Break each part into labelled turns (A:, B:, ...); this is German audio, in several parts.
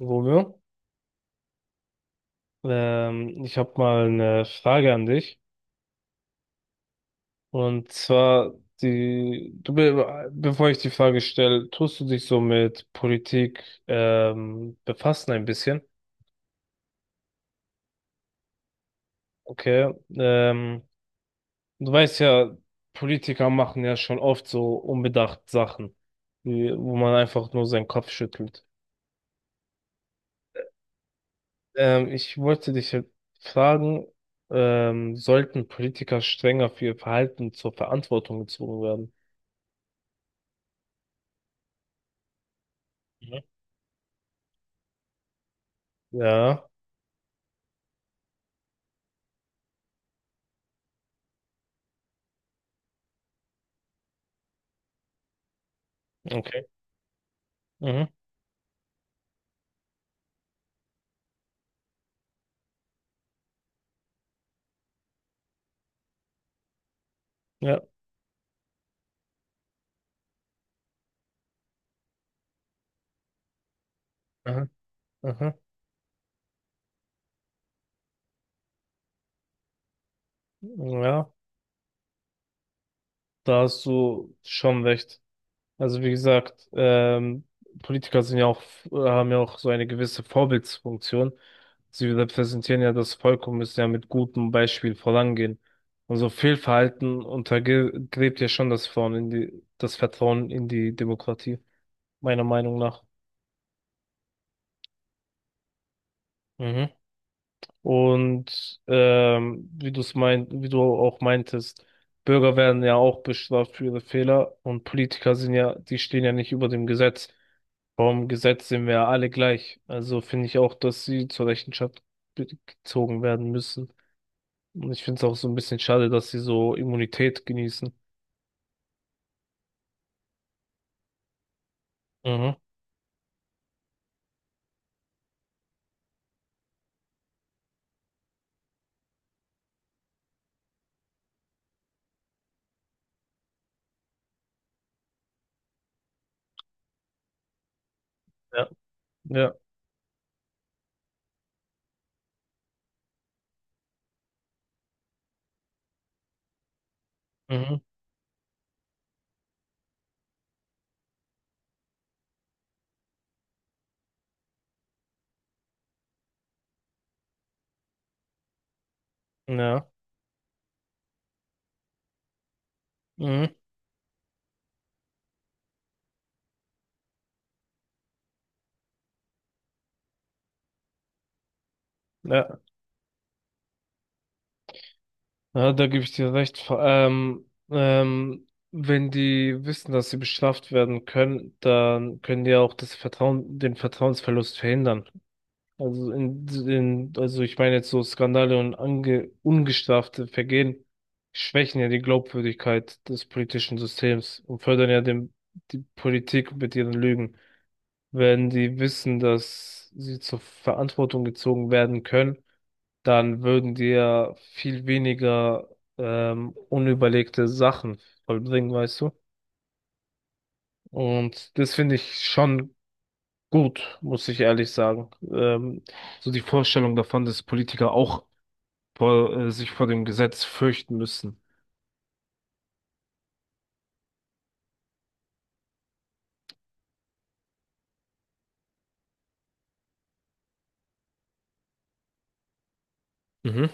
A: Romeo, ich habe mal eine Frage an dich. Und zwar, die, du, be bevor ich die Frage stelle, tust du dich so mit Politik befassen ein bisschen? Okay. Ähm, du weißt ja, Politiker machen ja schon oft so unbedacht Sachen, wo man einfach nur seinen Kopf schüttelt. Ich wollte dich halt fragen, sollten Politiker strenger für ihr Verhalten zur Verantwortung gezogen werden? Mhm. Ja. Okay. Mhm. Ja. Aha. Aha. Ja, da hast du schon recht. Also wie gesagt, Politiker sind ja auch, haben ja auch so eine gewisse Vorbildsfunktion. Sie repräsentieren ja das Volk und müssen ja mit gutem Beispiel vorangehen. Und so Fehlverhalten untergräbt ja schon das Vertrauen das Vertrauen in die Demokratie, meiner Meinung nach. Mhm. Und wie du es meint, wie du auch meintest, Bürger werden ja auch bestraft für ihre Fehler, und Politiker sind ja, die stehen ja nicht über dem Gesetz. Vom Gesetz sind wir ja alle gleich. Also finde ich auch, dass sie zur Rechenschaft gezogen werden müssen. Und ich finde es auch so ein bisschen schade, dass sie so Immunität genießen. Mhm. Ja. Ja. Mhm. Ja. Mhm. Ja. Ja, da gebe ich dir recht. Vor allem, wenn die wissen, dass sie bestraft werden können, dann können die auch das Vertrauen, den Vertrauensverlust verhindern. Also also ich meine jetzt so Skandale und ungestrafte Vergehen schwächen ja die Glaubwürdigkeit des politischen Systems und fördern ja die Politik mit ihren Lügen. Wenn die wissen, dass sie zur Verantwortung gezogen werden können, dann würden die ja viel weniger unüberlegte Sachen vollbringen, weißt du? Und das finde ich schon gut, muss ich ehrlich sagen. So die Vorstellung davon, dass Politiker auch sich vor dem Gesetz fürchten müssen. Mhm.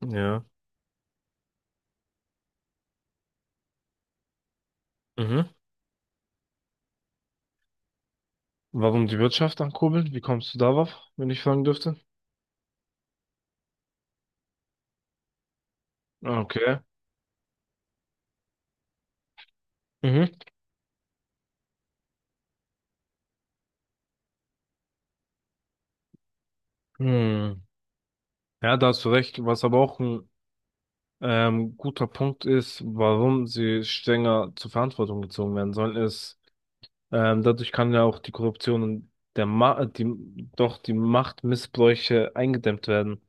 A: Ja. Mhm. Warum die Wirtschaft ankurbeln? Wie kommst du darauf, wenn ich fragen dürfte? Ah, okay. Mhm. Hm. Ja, da hast du recht, was aber auch ein guter Punkt ist, warum sie strenger zur Verantwortung gezogen werden sollen, ist, dadurch kann ja auch die Korruption und der Ma die, doch die Machtmissbräuche eingedämmt werden.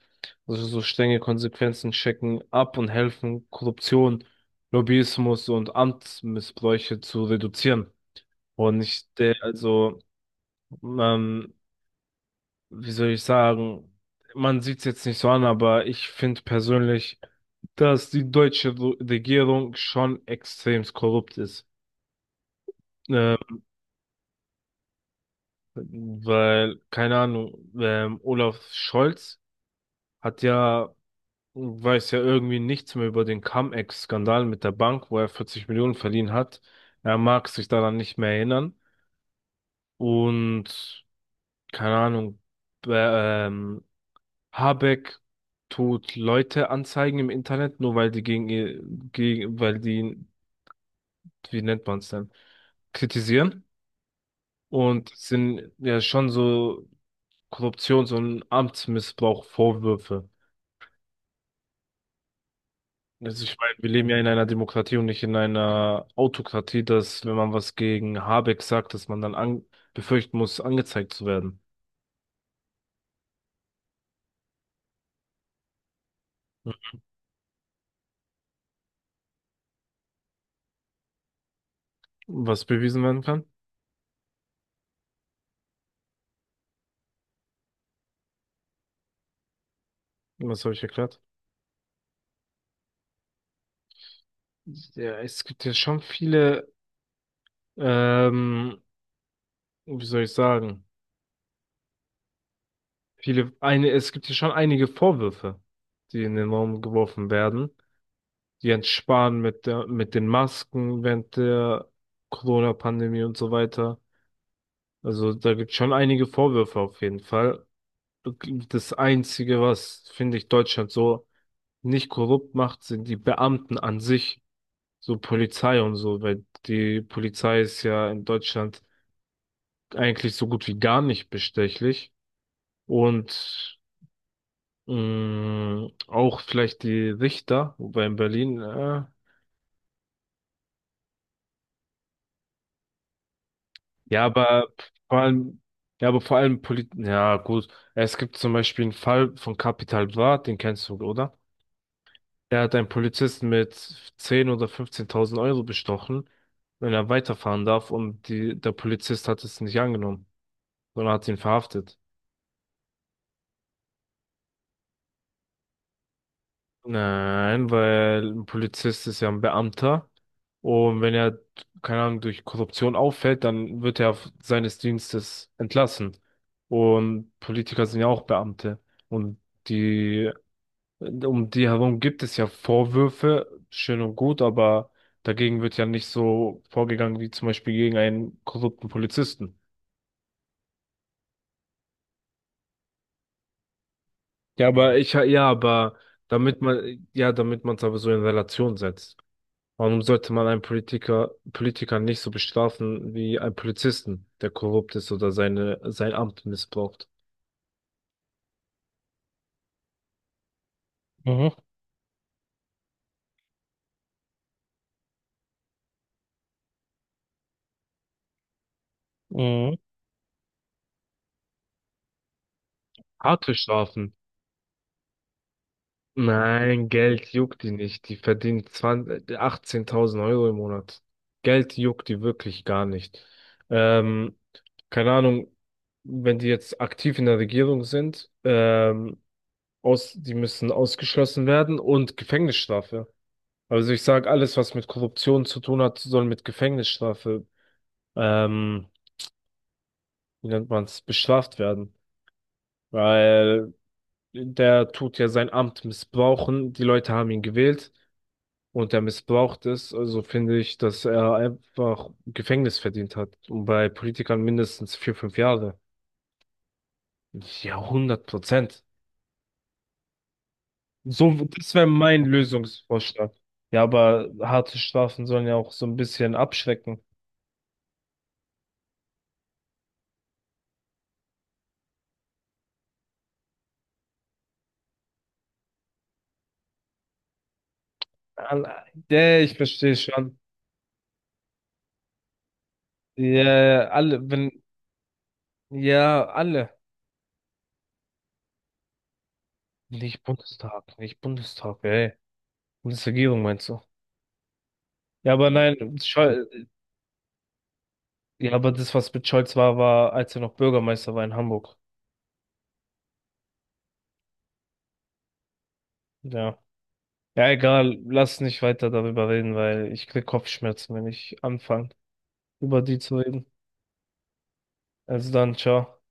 A: Also so strenge Konsequenzen checken ab und helfen, Korruption, Lobbyismus und Amtsmissbräuche zu reduzieren. Und ich, also, ähm, wie soll ich sagen, man sieht es jetzt nicht so an, aber ich finde persönlich, dass die deutsche Regierung schon extrem korrupt ist. Ähm, weil, keine Ahnung, Olaf Scholz hat ja, weiß ja irgendwie nichts mehr über den Cum-Ex-Skandal mit der Bank, wo er 40 Millionen verliehen hat. Er mag sich daran nicht mehr erinnern. Und, keine Ahnung, äh, ähm, Habeck tut Leute anzeigen im Internet, nur weil die gegen ihr, gegen, weil die, wie nennt man es denn, kritisieren. Und es sind ja schon so Korruptions- und Amtsmissbrauch-Vorwürfe. Also ich meine, wir leben ja in einer Demokratie und nicht in einer Autokratie, dass wenn man was gegen Habeck sagt, dass man dann an befürchten muss, angezeigt zu werden. Was bewiesen werden kann? Was habe ich erklärt? Ja, es gibt ja schon viele, ähm, wie soll ich sagen, viele, eine, es gibt ja schon einige Vorwürfe, die in den Raum geworfen werden. Jens Spahn mit der, mit den Masken während der Corona-Pandemie und so weiter. Also da gibt es schon einige Vorwürfe auf jeden Fall. Das Einzige, was, finde ich, Deutschland so nicht korrupt macht, sind die Beamten an sich, so Polizei und so, weil die Polizei ist ja in Deutschland eigentlich so gut wie gar nicht bestechlich. Und auch vielleicht die Richter, wobei in Berlin. Ja, aber vor allem, ja, aber vor allem Polit, ja, gut. Es gibt zum Beispiel einen Fall von Capital Bra, den kennst du, oder? Der hat einen Polizisten mit 10 oder 15.000 Euro bestochen, wenn er weiterfahren darf, und die, der Polizist hat es nicht angenommen, sondern hat ihn verhaftet. Nein, weil ein Polizist ist ja ein Beamter und wenn er, keine Ahnung, durch Korruption auffällt, dann wird er auf seines Dienstes entlassen. Und Politiker sind ja auch Beamte, und die, um die herum gibt es ja Vorwürfe, schön und gut, aber dagegen wird ja nicht so vorgegangen wie zum Beispiel gegen einen korrupten Polizisten. Ja, aber ich, ja, aber damit man, ja, damit man es aber so in Relation setzt. Warum sollte man einen Politiker, Politiker nicht so bestrafen wie einen Polizisten, der korrupt ist oder seine, sein Amt missbraucht? Mhm. Mhm. Harte Strafen. Nein, Geld juckt die nicht. Die verdient 20, 18.000 Euro im Monat. Geld juckt die wirklich gar nicht. Ähm, keine Ahnung, wenn die jetzt aktiv in der Regierung sind, die müssen ausgeschlossen werden, und Gefängnisstrafe. Also ich sage, alles, was mit Korruption zu tun hat, soll mit Gefängnisstrafe, ähm, wie nennt man es, bestraft werden. Weil der tut ja sein Amt missbrauchen, die Leute haben ihn gewählt und er missbraucht es. Also finde ich, dass er einfach Gefängnis verdient hat. Und bei Politikern mindestens 4, 5 Jahre. Ja, 100%. So, das wäre mein Lösungsvorschlag. Ja, aber harte Strafen sollen ja auch so ein bisschen abschrecken. Ah, nee, ich verstehe schon. Ja, alle, wenn, ja, alle. Nicht Bundestag, nicht Bundestag, ey. Bundesregierung meinst du? Ja, aber nein, Scholz, ja, aber das, was mit Scholz war, war, als er noch Bürgermeister war in Hamburg. Ja. Ja, egal, lass nicht weiter darüber reden, weil ich krieg Kopfschmerzen, wenn ich anfange, über die zu reden. Also dann, ciao.